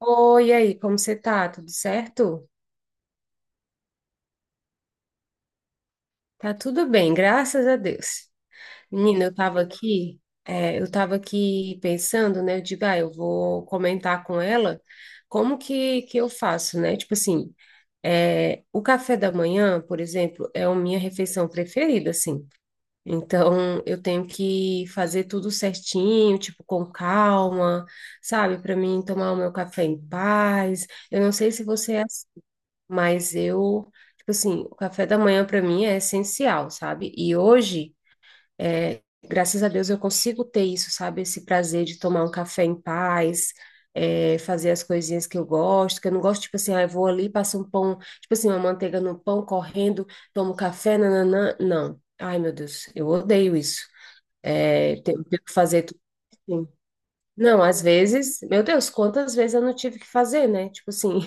Oi, e aí, como você tá? Tudo certo? Tá tudo bem, graças a Deus. Menina, eu tava aqui, eu tava aqui pensando, né? Eu digo, ah, eu vou comentar com ela como que eu faço, né? Tipo assim, o café da manhã, por exemplo, é a minha refeição preferida, assim. Então, eu tenho que fazer tudo certinho, tipo, com calma, sabe? Para mim tomar o meu café em paz. Eu não sei se você é. Mas eu, tipo assim, o café da manhã para mim é essencial, sabe? E hoje, graças a Deus, eu consigo ter isso, sabe? Esse prazer de tomar um café em paz, fazer as coisinhas que eu gosto, que eu não gosto, tipo assim, ah, eu vou ali, passo um pão, tipo assim, uma manteiga no pão, correndo, tomo café, nananã. Não. Ai, meu Deus, eu odeio isso. É, tenho que fazer tudo assim. Não, às vezes, meu Deus, quantas vezes eu não tive que fazer, né? Tipo assim,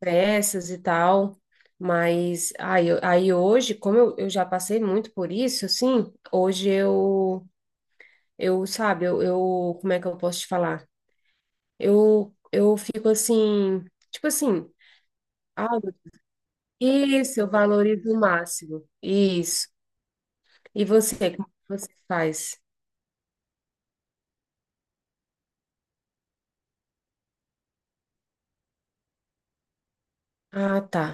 peças e tal. Mas aí, aí hoje, como eu já passei muito por isso, assim, hoje eu sabe, eu, como é que eu posso te falar? Eu fico assim, tipo assim, ah, isso, eu valorizo o máximo, isso. E você, como é que você faz? Ah, tá.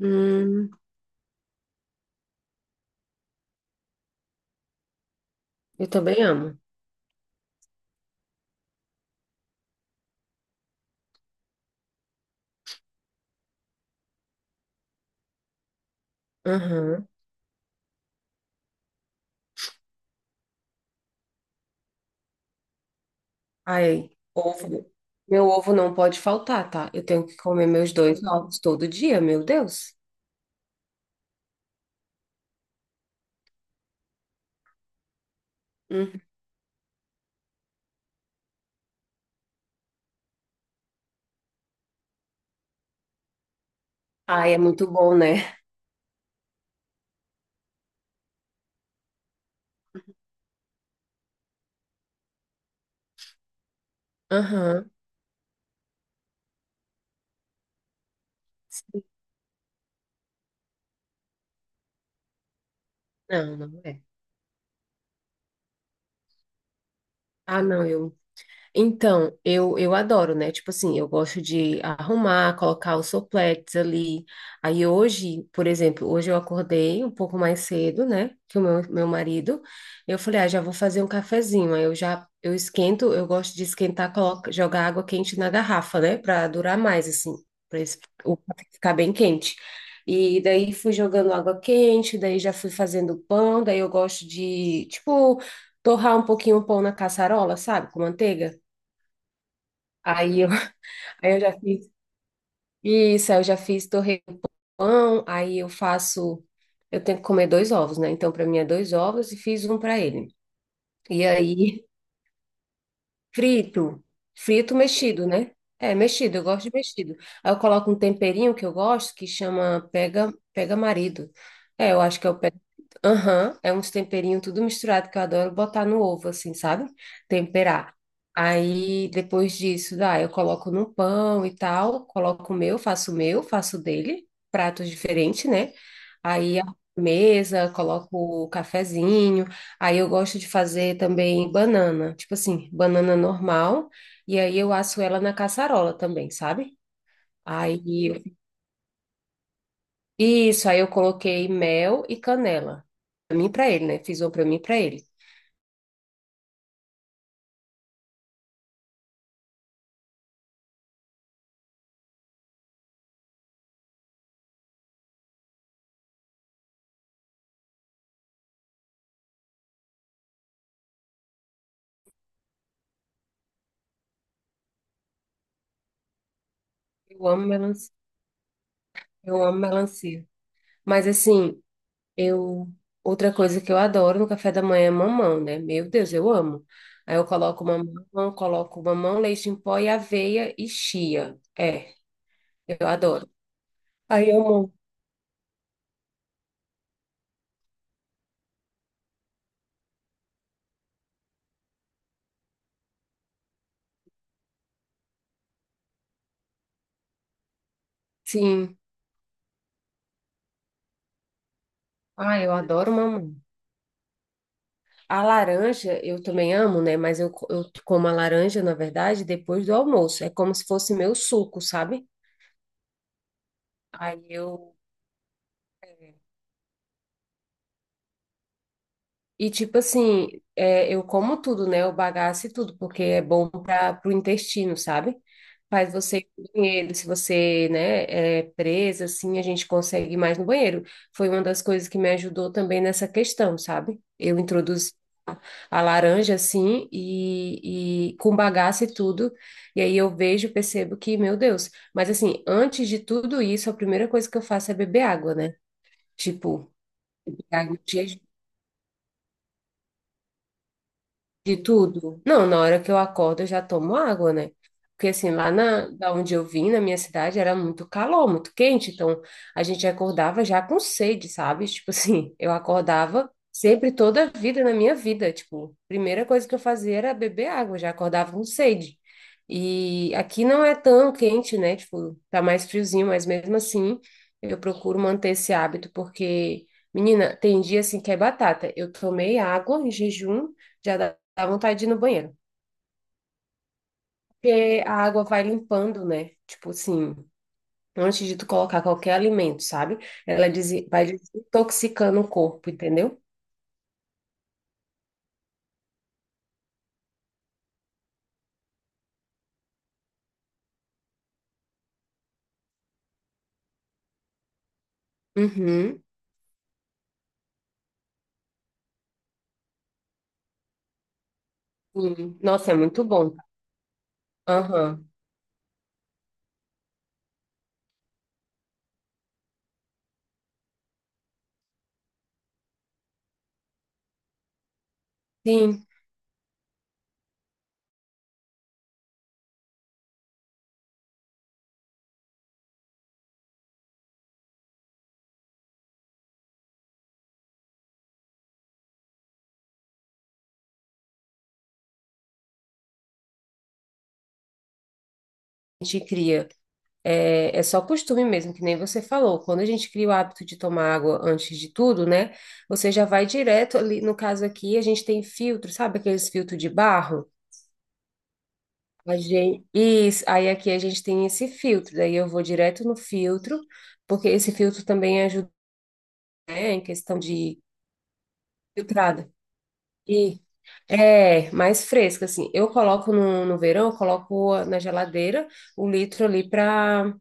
Hum, eu também amo. Aham. Aí, ovo. Meu ovo não pode faltar, tá? Eu tenho que comer meus dois ovos todo dia, meu Deus. Uhum. Ai, é muito bom, né? Aham. Sim. Não, não é. Ah, não, eu. Então, eu adoro, né? Tipo assim, eu gosto de arrumar, colocar os sopletes ali. Aí hoje, por exemplo, hoje eu acordei um pouco mais cedo, né? Que o meu marido. Eu falei, ah, já vou fazer um cafezinho. Aí eu já, eu esquento, eu gosto de esquentar, coloca, jogar água quente na garrafa, né? Pra durar mais, assim, pra o café ficar bem quente. E daí fui jogando água quente, daí já fui fazendo pão, daí eu gosto de, tipo, torrar um pouquinho o pão na caçarola, sabe? Com manteiga. Aí eu, aí eu já fiz isso, aí eu já fiz torresmo com pão, aí eu faço, eu tenho que comer dois ovos, né? Então, para mim é dois ovos e fiz um para ele. E aí frito. Frito mexido, né? É, mexido, eu gosto de mexido. Aí eu coloco um temperinho que eu gosto, que chama pega, pega marido. É, eu acho que é o pega. Aham, é uns temperinhos tudo misturado que eu adoro botar no ovo, assim, sabe? Temperar. Aí depois disso, dá, eu coloco no pão e tal, coloco o meu, faço o meu, faço o dele, pratos diferentes, né? Aí a mesa, coloco o cafezinho. Aí eu gosto de fazer também banana, tipo assim, banana normal, e aí eu asso ela na caçarola também, sabe? Aí, isso, aí eu coloquei mel e canela. Pra mim e pra ele, né? Fiz uma pra mim e pra ele. Eu amo melancia, eu amo melancia. Mas assim, eu outra coisa que eu adoro no café da manhã é mamão, né? Meu Deus, eu amo. Aí eu coloco mamão, leite em pó e aveia e chia. É, eu adoro. Aí eu amo. Sim. Ah, eu adoro mamão. A laranja eu também amo, né? Mas eu, eu como a laranja, na verdade, depois do almoço. É como se fosse meu suco, sabe? Aí eu é, E tipo assim, eu como tudo, né? Eu bagaço e tudo, porque é bom para o intestino, sabe? Faz você ir no banheiro, se você, né, é presa, assim, a gente consegue ir mais no banheiro. Foi uma das coisas que me ajudou também nessa questão, sabe? Eu introduzi a a laranja, assim, e com bagaço e tudo, e aí eu vejo, percebo que, meu Deus. Mas assim, antes de tudo isso, a primeira coisa que eu faço é beber água, né? Tipo, água de tudo? Não, na hora que eu acordo eu já tomo água, né? Porque assim, da onde eu vim, na minha cidade, era muito calor, muito quente, então a gente acordava já com sede, sabe? Tipo assim, eu acordava sempre toda a vida na minha vida, tipo, a primeira coisa que eu fazia era beber água, eu já acordava com sede. E aqui não é tão quente, né? Tipo, tá mais friozinho, mas mesmo assim, eu procuro manter esse hábito porque, menina, tem dia assim que é batata. Eu tomei água em jejum, já. Dá vontade de ir no banheiro. Porque a água vai limpando, né? Tipo assim, antes de tu colocar qualquer alimento, sabe? Ela vai desintoxicando o corpo, entendeu? Uhum. Sim. Nossa, é muito bom. Aham. Sim, a gente cria. É, é só costume mesmo, que nem você falou. Quando a gente cria o hábito de tomar água antes de tudo, né? Você já vai direto ali. No caso aqui, a gente tem filtro, sabe aqueles filtros de barro? A gente, isso, aí aqui a gente tem esse filtro, daí eu vou direto no filtro, porque esse filtro também ajuda, né, em questão de filtrada. E é mais fresca, assim. Eu coloco no, no verão, eu coloco na geladeira o litro ali para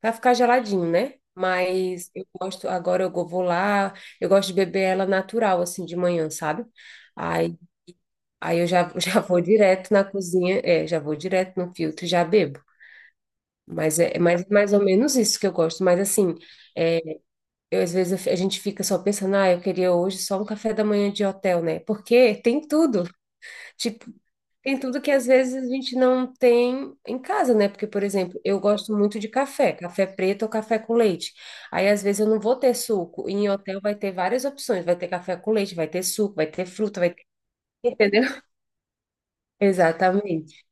para ficar geladinho, né? Mas eu gosto, agora eu vou lá, eu gosto de beber ela natural, assim, de manhã, sabe? Aí, aí eu já, já vou direto na cozinha, é, já vou direto no filtro e já bebo. Mas é mais, mais ou menos isso que eu gosto. Mas assim, é, eu, às vezes eu a gente fica só pensando, ah, eu queria hoje só um café da manhã de hotel, né? Porque tem tudo. Tipo, tem tudo que às vezes a gente não tem em casa, né? Porque, por exemplo, eu gosto muito de café, café preto ou café com leite. Aí, às vezes, eu não vou ter suco. E em hotel vai ter várias opções. Vai ter café com leite, vai ter suco, vai ter fruta, vai ter. Entendeu? Exatamente.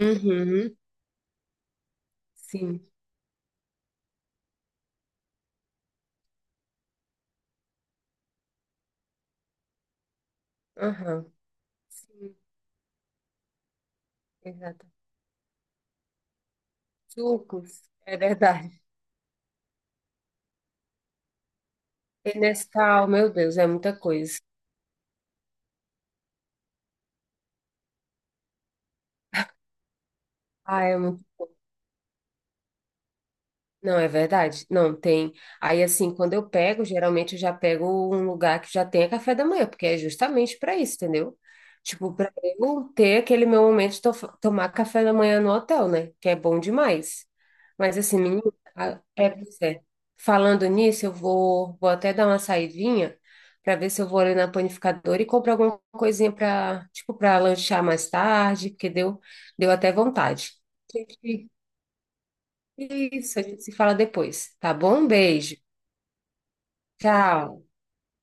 Uhum. Sim. Aham. Sim, exato. Sucos. É verdade. Nescau, meu Deus, é muita coisa. Ah, é. Não, é verdade. Não tem. Aí, assim, quando eu pego, geralmente eu já pego um lugar que já tenha café da manhã, porque é justamente para isso, entendeu? Tipo, para eu ter aquele meu momento de tomar café da manhã no hotel, né? Que é bom demais. Mas, assim, menina, pois é. Falando nisso, eu vou, vou até dar uma saidinha para ver se eu vou ali na panificadora e comprar alguma coisinha para, tipo, para lanchar mais tarde, porque deu, deu até vontade. Isso, a gente se fala depois, tá bom? Beijo. Tchau.